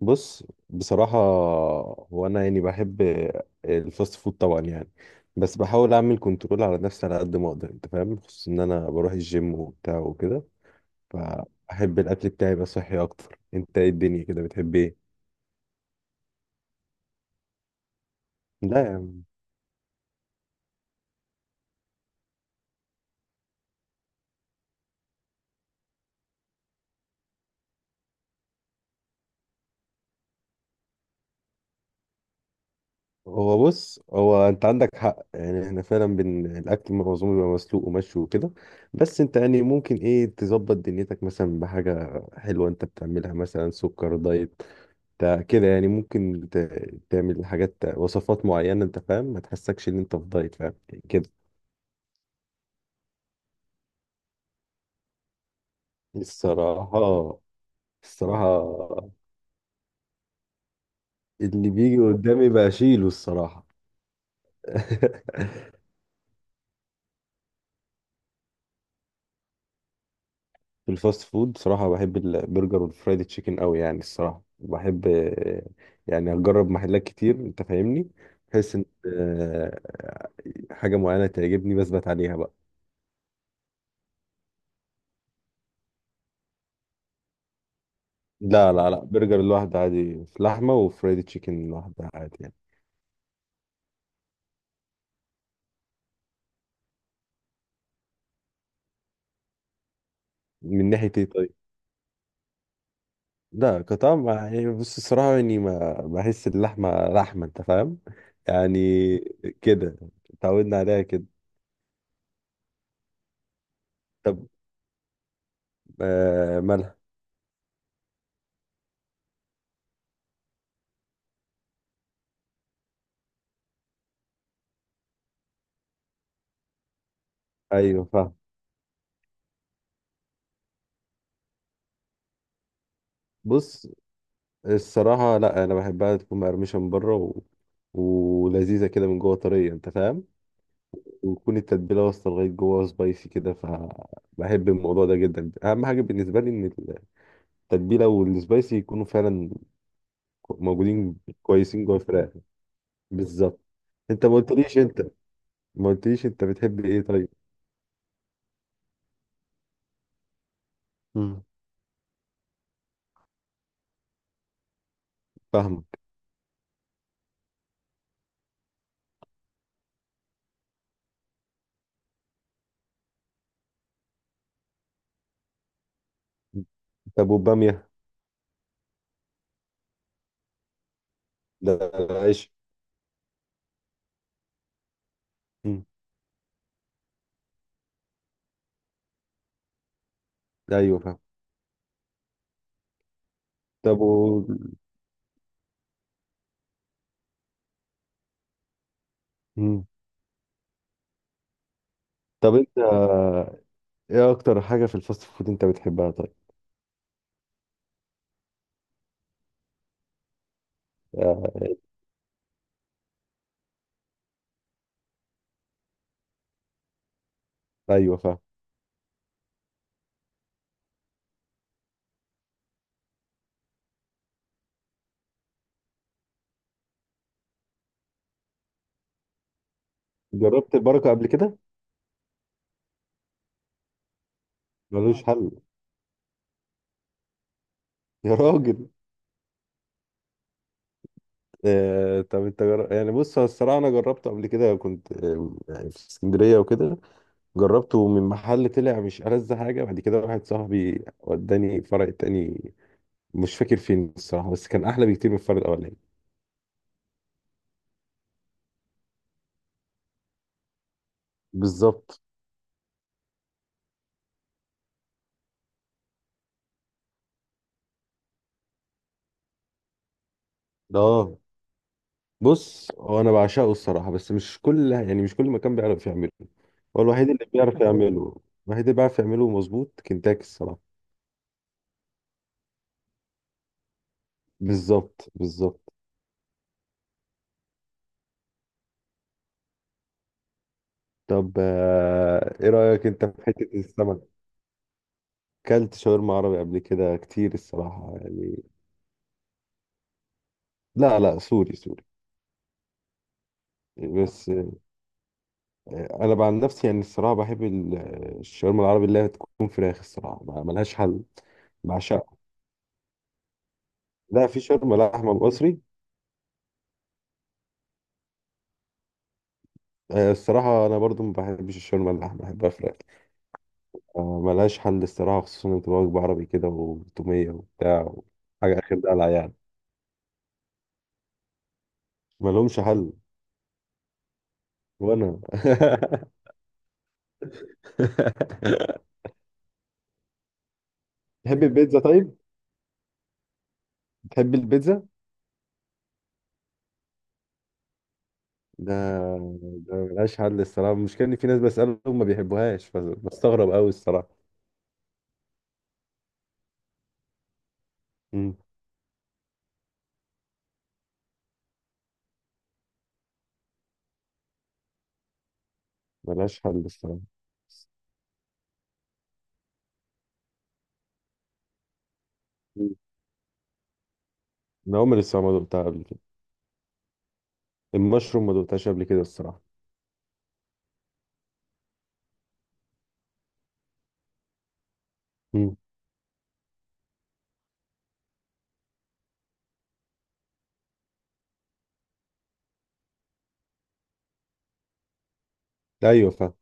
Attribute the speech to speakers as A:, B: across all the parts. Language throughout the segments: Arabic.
A: بص، بصراحة هو أنا يعني بحب الفاست فود طبعا يعني. بس بحاول أعمل كنترول على نفسي على قد ما أقدر، أنت فاهم، خصوصا إن أنا بروح الجيم وبتاع وكده، فأحب الأكل بتاعي يبقى صحي أكتر. أنت إيه الدنيا كده بتحب إيه؟ لا يعني. هو بص، هو أنت عندك حق يعني، إحنا فعلا بن الأكل معظمه بيبقى مسلوق ومشوي وكده. بس أنت يعني ممكن إيه تظبط دنيتك مثلا بحاجة حلوة أنت بتعملها، مثلا سكر دايت. كده يعني، ممكن تعمل حاجات وصفات معينة، انت فاهم، ما تحسكش ان انت في دايت، فاهم كده. الصراحة الصراحة، اللي بيجي قدامي بشيله الصراحة. في الفاست فود بصراحة بحب البرجر والفرايد تشيكن قوي يعني، الصراحة بحب. يعني أجرب محلات كتير، أنت فاهمني، بحيث إن آه، حاجة معينة تعجبني بثبت عليها بقى. لا لا لا، برجر لوحده عادي في لحمة، وفرايد تشيكن لوحده عادي يعني. من ناحية إيه طيب؟ لا كطعم يعني، بص، الصراحة يعني ما بحس اللحمة لحمة، أنت فاهم. يعني كده، اتعودنا عليها كده. طب، آه مالها. أيوة فاهم. بص الصراحة، لا أنا بحبها تكون مقرمشة من بره ولذيذة كده من جوه، طرية، أنت فاهم. وتكون التتبيلة واصلة لغاية جوه سبايسي كده، فبحب الموضوع ده جدا. أهم حاجة بالنسبة لي إن التتبيلة والسبايسي يكونوا فعلا موجودين كويسين جوه الفراخ. بالظبط. انت ما قلتليش انت بتحب ايه طيب؟ مم. فاهمك. طب والبامية؟ ده عيش. مم. ايوه فاهم. طب و... مم. طب انت، ايه اكتر حاجة في الفاست فود انت بتحبها طيب؟ آه، ايوه فاهم. جربت البركة قبل كده؟ ملوش حل. يا راجل. طب انت يعني بص، هو الصراحة انا جربته قبل كده، كنت يعني في اسكندرية وكده، جربته من محل، طلع مش ألذ حاجة. بعد كده واحد صاحبي وداني فرع تاني، مش فاكر فين الصراحه، بس كان احلى بكتير من الفرد الاولاني. بالظبط. اه بص، هو انا بعشقه الصراحه، بس مش كل مكان بيعرف يعمله. هو الوحيد اللي بيعرف يعمله. الوحيد اللي بيعرف يعمله مظبوط كنتاكي الصراحه. بالظبط، بالظبط. طب، ايه رايك انت في حته السمك؟ كلت شاورما عربي قبل كده كتير الصراحه يعني. لا لا، سوري سوري. بس انا بقى عن نفسي يعني الصراحه بحب الشاورما العربي اللي هي تكون فراخ، الصراحه ملهاش حل. بعشقها. لا في شاورما لحمة مصري. الصراحة أنا برضو ما بحبش الشاورما اللحمة، بحبها فراخ. ملهاش حل الصراحة، خصوصا إن بتبقى وجبة عربي كده وتومية وبتاع. حاجة آخر دلع يعني. ملهمش حل. وأنا تحب البيتزا طيب؟ تحب البيتزا؟ ده ده ملهاش حل الصراحة. المشكلة إن في ناس بسألهم ما بيحبوهاش، فبستغرب أوي الصراحة. مم. ملهاش حل الصراحة. مم. أنا عمري الصراحة ما دقتها قبل كده. المشروم ما دقتهاش قبل كده الصراحة. مم. أيوه فاهم.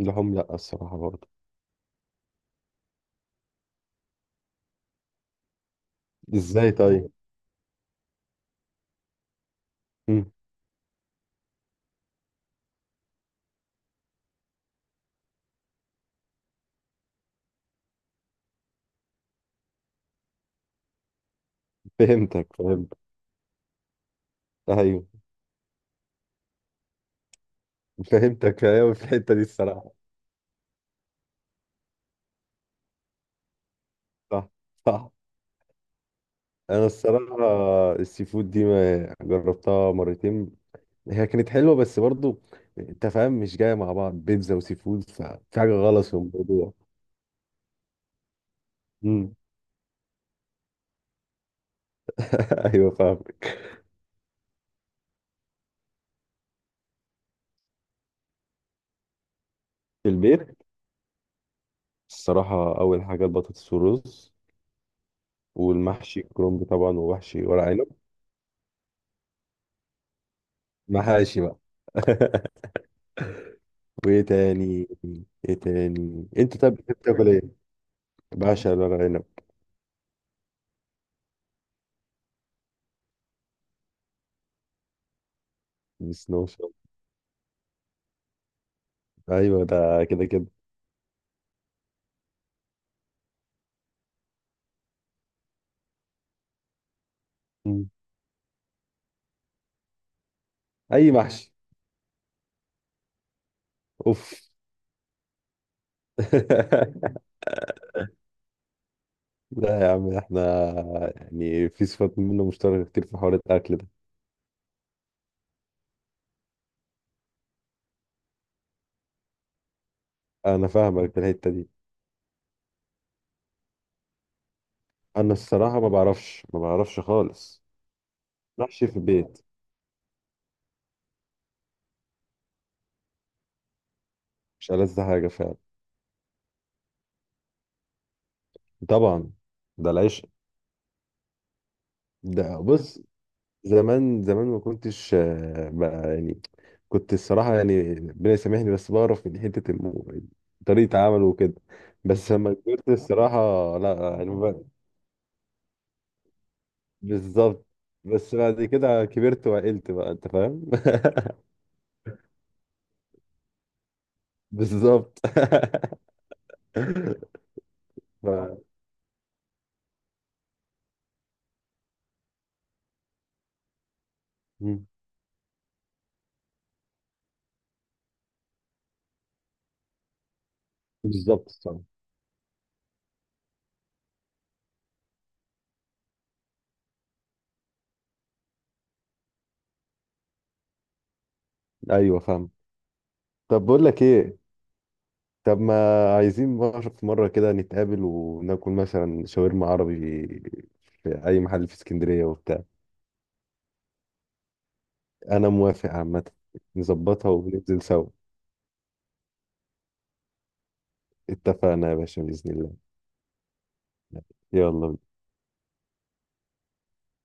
A: لهم، لا الصراحة برضه. ازاي طيب؟ مم. فهمتك، فهمت. ايوه فهمتك، ايوه في الحتة دي الصراحة. صح، صح. انا الصراحة السي فود دي ما جربتها مرتين، هي كانت حلوة بس برضه، انت فاهم، مش جاية مع بعض بيتزا وسي فود، ففي حاجة غلط في الموضوع. مم. ايوه فاهمك. في البيت الصراحة أول حاجة البطاطس والرز، والمحشي كرنب طبعا، ومحشي ورق عنب. محاشي بقى. وايه تاني؟ ايه تاني انت طب بتحب تاكل ايه؟ بعشق الورق عنب. بالسنوشة. ايوه ده كده كده. مم. اي محشي. اوف. لا يا عم، احنا يعني في صفات منه مشتركة كتير في حوار الاكل ده. انا فاهمك في الحتة دي. انا الصراحة ما بعرفش، ما بعرفش خالص. محشي في البيت. مش ألذ حاجة فعلا. طبعا. ده العيش. ده بص، زمان زمان ما كنتش بقى يعني كنت الصراحة يعني ربنا يسامحني، بس بعرف من حتة طريقة عمله وكده. بس لما كبرت الصراحة. لا يعني ب- بالظبط. بس بعد كده كبرت وعقلت بقى، انت فاهم. بالظبط. ف... مم. بالظبط الصراحة. ايوه فاهم. طب بقول لك ايه، طب ما عايزين بقى في مرة كده نتقابل وناكل مثلا شاورما عربي في اي محل في اسكندرية وبتاع. انا موافق عامة، نظبطها وننزل سوا. اتفقنا يا باشا بإذن الله. يلا.